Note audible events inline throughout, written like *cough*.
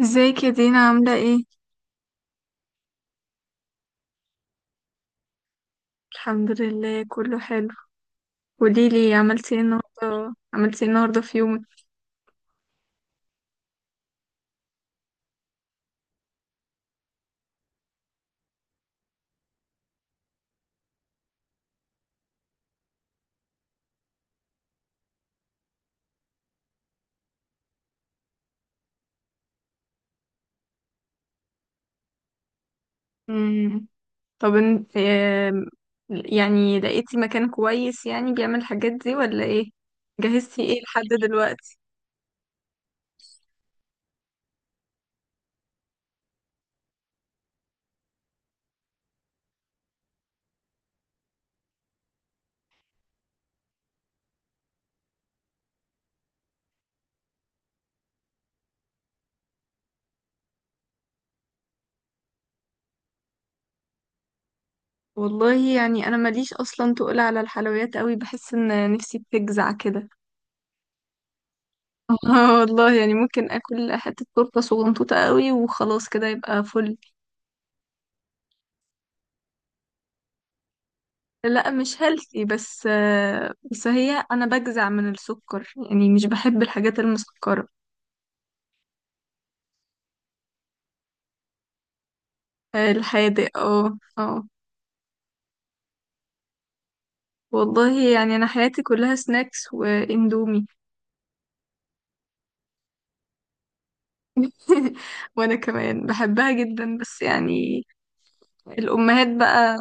ازيك يا دينا عاملة ايه؟ الحمد لله كله حلو. قوليلي عملتي ايه النهاردة، في يومك؟ مم. طب ان... آم، يعني لقيتي مكان كويس يعني بيعمل الحاجات دي ولا ايه؟ جهزتي ايه لحد دلوقتي؟ والله يعني انا ماليش اصلا تقول على الحلويات قوي، بحس ان نفسي بتجزع كده. *laughs* آه والله، يعني ممكن اكل حتة تورتة صغنطوطة قوي وخلاص كده يبقى فل. لا مش هيلثي، بس بس هي انا بجزع من السكر، يعني مش بحب الحاجات المسكرة. الحادق، اه اه. والله يعني انا حياتي كلها سناكس واندومي. *laughs* وانا كمان بحبها جدا، بس يعني الامهات بقى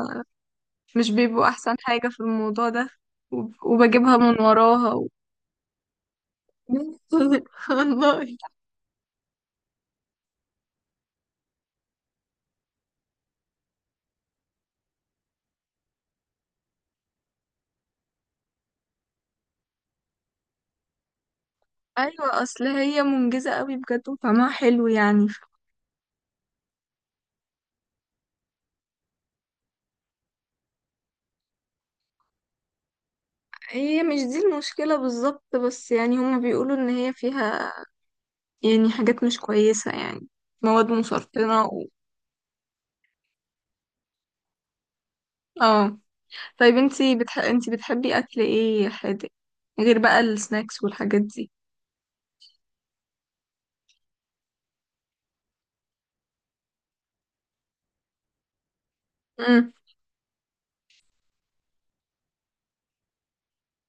مش بيبقوا احسن حاجة في الموضوع ده. وبجيبها من وراها و... *laughs* والله. ايوه، اصل هي منجزة قوي بجد وطعمها حلو يعني. هي مش دي المشكلة بالظبط، بس يعني هما بيقولوا ان هي فيها يعني حاجات مش كويسة يعني، مواد مسرطنة و... اه. طيب انتي انتي بتحبي اكل ايه حادق غير بقى السناكس والحاجات دي؟ امم.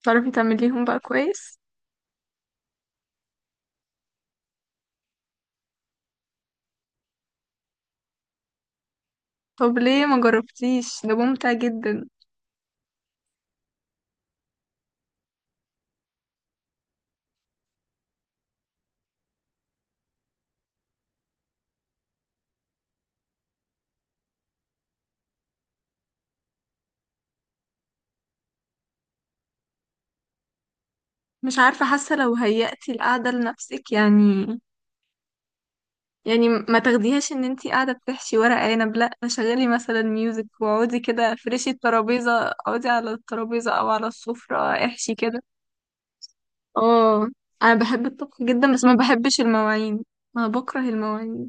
تعرفي تعمليهم بقى كويس؟ طب ليه ما جربتيش، ده ممتع جدا. مش عارفة، حاسة لو هيأتي القعدة لنفسك يعني، يعني ما تاخديهاش ان انتي قاعدة بتحشي ورق عنب، لا شغلي مثلا ميوزك واقعدي كده، فرشي الترابيزة، اقعدي على الترابيزة او على السفرة، احشي كده. اه. انا بحب الطبخ جدا، بس ما بحبش المواعين. انا بكره المواعين.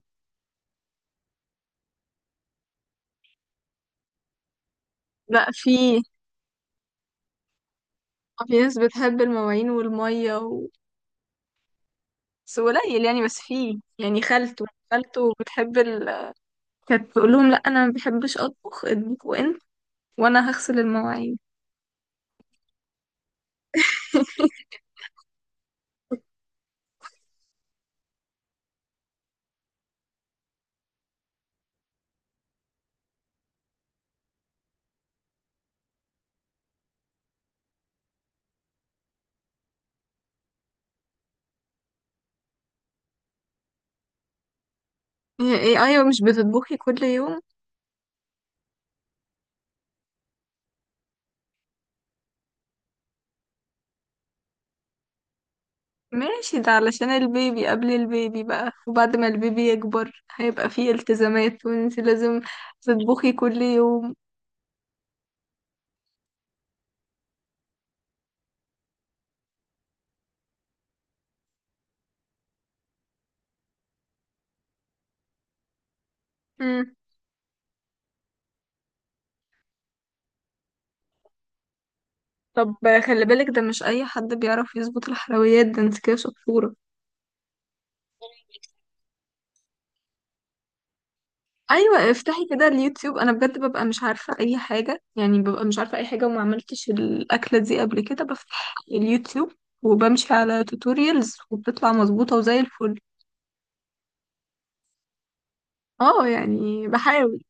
لا في، في ناس بتحب المواعين والمية و... بس قليل يعني، بس في يعني خالته. خالته بتحب ال... كانت تقول لهم لا انا ما بحبش اطبخ، اطبخوا انت وانا هغسل المواعين. إيه- إيه، ايوه، مش بتطبخي كل يوم؟ ماشي، ده علشان البيبي. قبل البيبي بقى وبعد ما البيبي يكبر هيبقى فيه التزامات، وانت لازم تطبخي كل يوم. مم. طب خلي بالك، ده مش اي حد بيعرف يظبط الحلويات، ده انت كده شطورة. ايوه، افتحي كده اليوتيوب. انا بجد ببقى مش عارفة اي حاجة، يعني ببقى مش عارفة اي حاجة وما عملتش الاكلة دي قبل كده، بفتح اليوتيوب وبمشي على توتوريالز وبتطلع مظبوطة وزي الفل. اه يعني بحاول.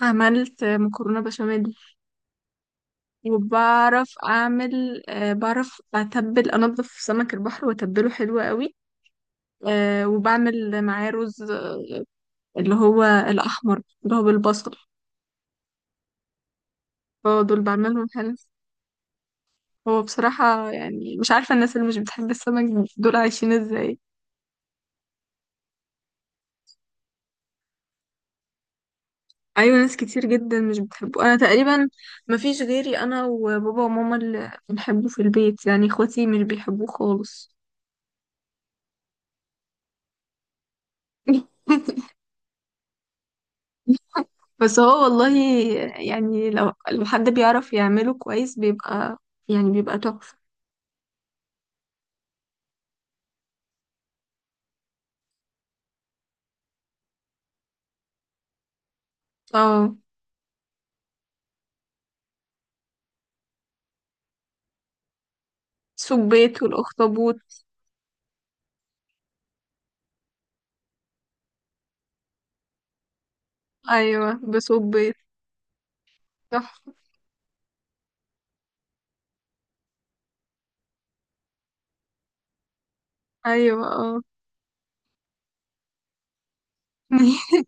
عملت مكرونة بشاميل. وبعرف اعمل، بعرف اتبل انضف سمك البحر واتبله حلو قوي. وبعمل معاه رز اللي هو الاحمر اللي هو بالبصل. هو دول بعملهم حلو. هو بصراحة يعني مش عارفة الناس اللي مش بتحب السمك دول عايشين ازاي. ايوه ناس كتير جدا مش بتحبه. انا تقريبا مفيش غيري انا وبابا وماما اللي بنحبه في البيت، يعني اخواتي مش بيحبوه خالص. *laughs* بس هو والله يعني، لو حد بيعرف يعمله كويس بيبقى يعني بيبقى تحفة. اه. سبيت والأخطبوط. أيوة، بسبيت. تحفة. أيوة، اه. *laughs*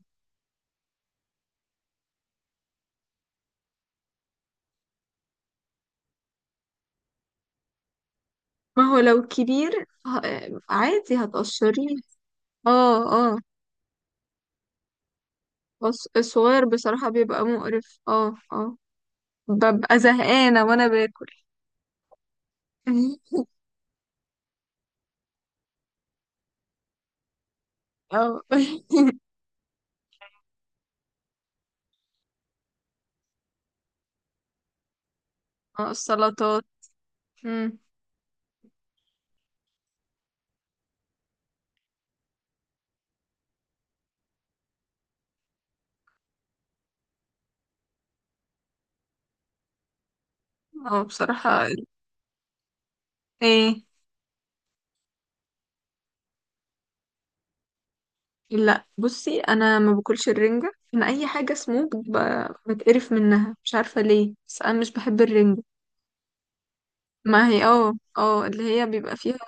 ما هو لو كبير عادي هتقشريه. اه اه. بس الصغير بصراحة بيبقى مقرف، اه اه. ببقى زهقانة وانا باكل. *laughs* اه. *laughs* اه، السلطات. مم. اه بصراحة. ايه؟ لا بصي انا ما باكلش الرنجة. انا اي حاجة سموك بتقرف منها، مش عارفة ليه، بس انا مش بحب الرنجة. ما هي اه اه اللي هي بيبقى فيها،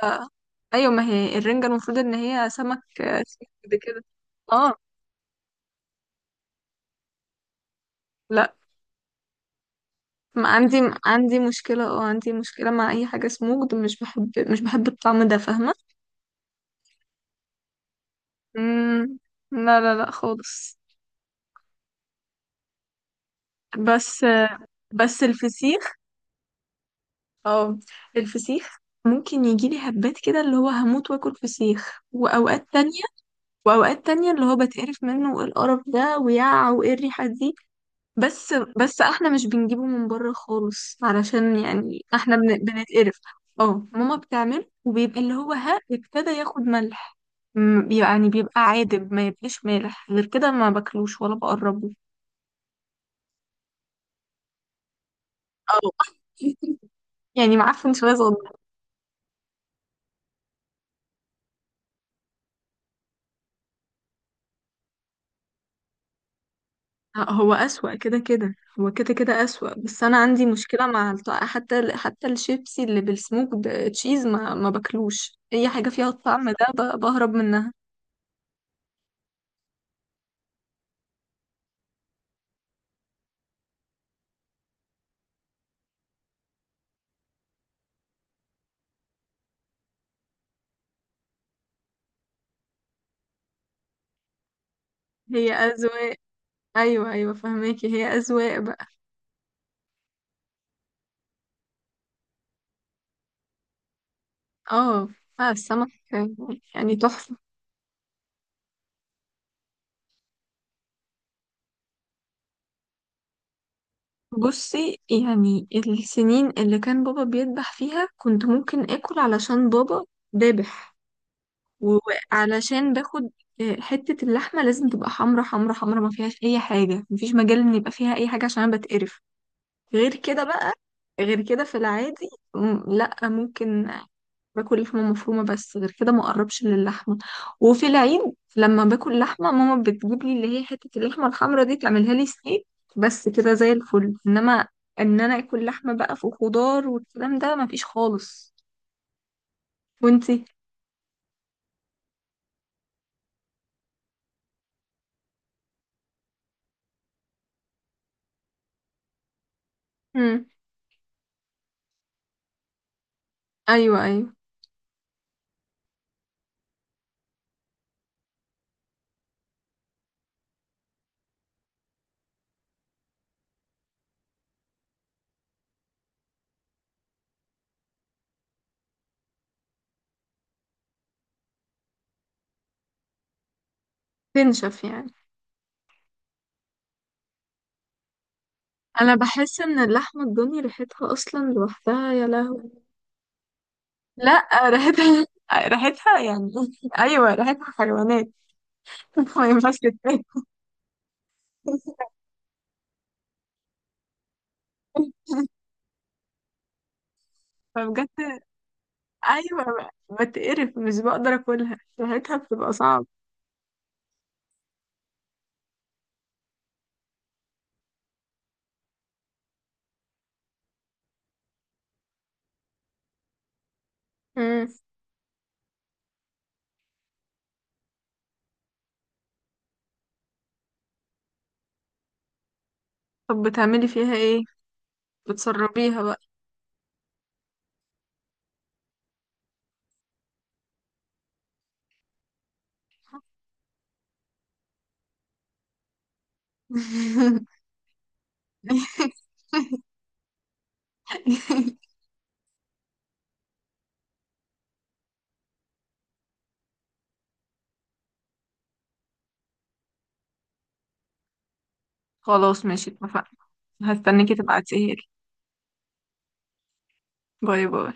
ايوه ما هي الرنجة المفروض ان هي سمك، سمك كده. اه لا. ما عندي، عندي مشكلة، اه عندي مشكلة مع اي حاجة سموك. مش بحب مش بحب الطعم ده، فاهمة؟ مم، لا لا لا خالص. بس بس الفسيخ، اه الفسيخ ممكن يجيلي هبات كده اللي هو هموت واكل فسيخ، واوقات تانية اللي هو بتقرف منه وايه القرف ده ويا وايه الريحة دي. بس احنا مش بنجيبه من بره خالص، علشان يعني احنا بنتقرف. اه ماما بتعمل وبيبقى اللي هو ها ابتدى ياخد ملح، يعني بيبقى عادب، ما يبقاش مالح غير كده ما باكلوش ولا بقربه. اه. *laughs* يعني معفن شوية صغير. لا، هو أسوأ كده كده، هو كده كده أسوأ، بس أنا عندي مشكلة مع حتى الشيبسي اللي بالسموك تشيز، ما باكلوش أي حاجة فيها الطعم ده، بهرب منها. هي أذواق. أيوة أيوة فهماكي، هي أذواق بقى. اه، السمك يعني تحفة. بصي يعني السنين اللي كان بابا بيذبح فيها كنت ممكن آكل علشان بابا ذابح، وعلشان باخد، حتة اللحمة لازم تبقى حمرا حمرا حمرا، ما فيهاش أي حاجة، مفيش مجال إن يبقى فيها أي حاجة عشان أنا بتقرف. غير كده بقى، غير كده في العادي، لأ ممكن باكل لحمة مفرومة، بس غير كده ما أقربش للحمة. وفي العيد لما باكل لحمة ماما بتجيب لي اللي هي حتة اللحمة الحمرا دي تعملها لي ستيك بس كده زي الفل. إنما إن أنا آكل لحمة بقى في خضار والكلام ده مفيش خالص. وانتي؟ مم. أيوه أيوه. تنشف يعني. انا بحس ان اللحمه الضاني ريحتها اصلا لوحدها يا لهوي. لا ريحتها، ريحتها يعني *laughs* ايوه ريحتها حيوانات. *laughs* ما ينفعش تتاكل. *laughs* فبجد. ايوه، بتقرف، مش بقدر اكلها، ريحتها بتبقى صعب. مم. طب بتعملي فيها ايه، بتسربيها بقى؟ *laughs* خلاص ماشي اتفقنا، هستناكي تبعتيها لي. باي باي.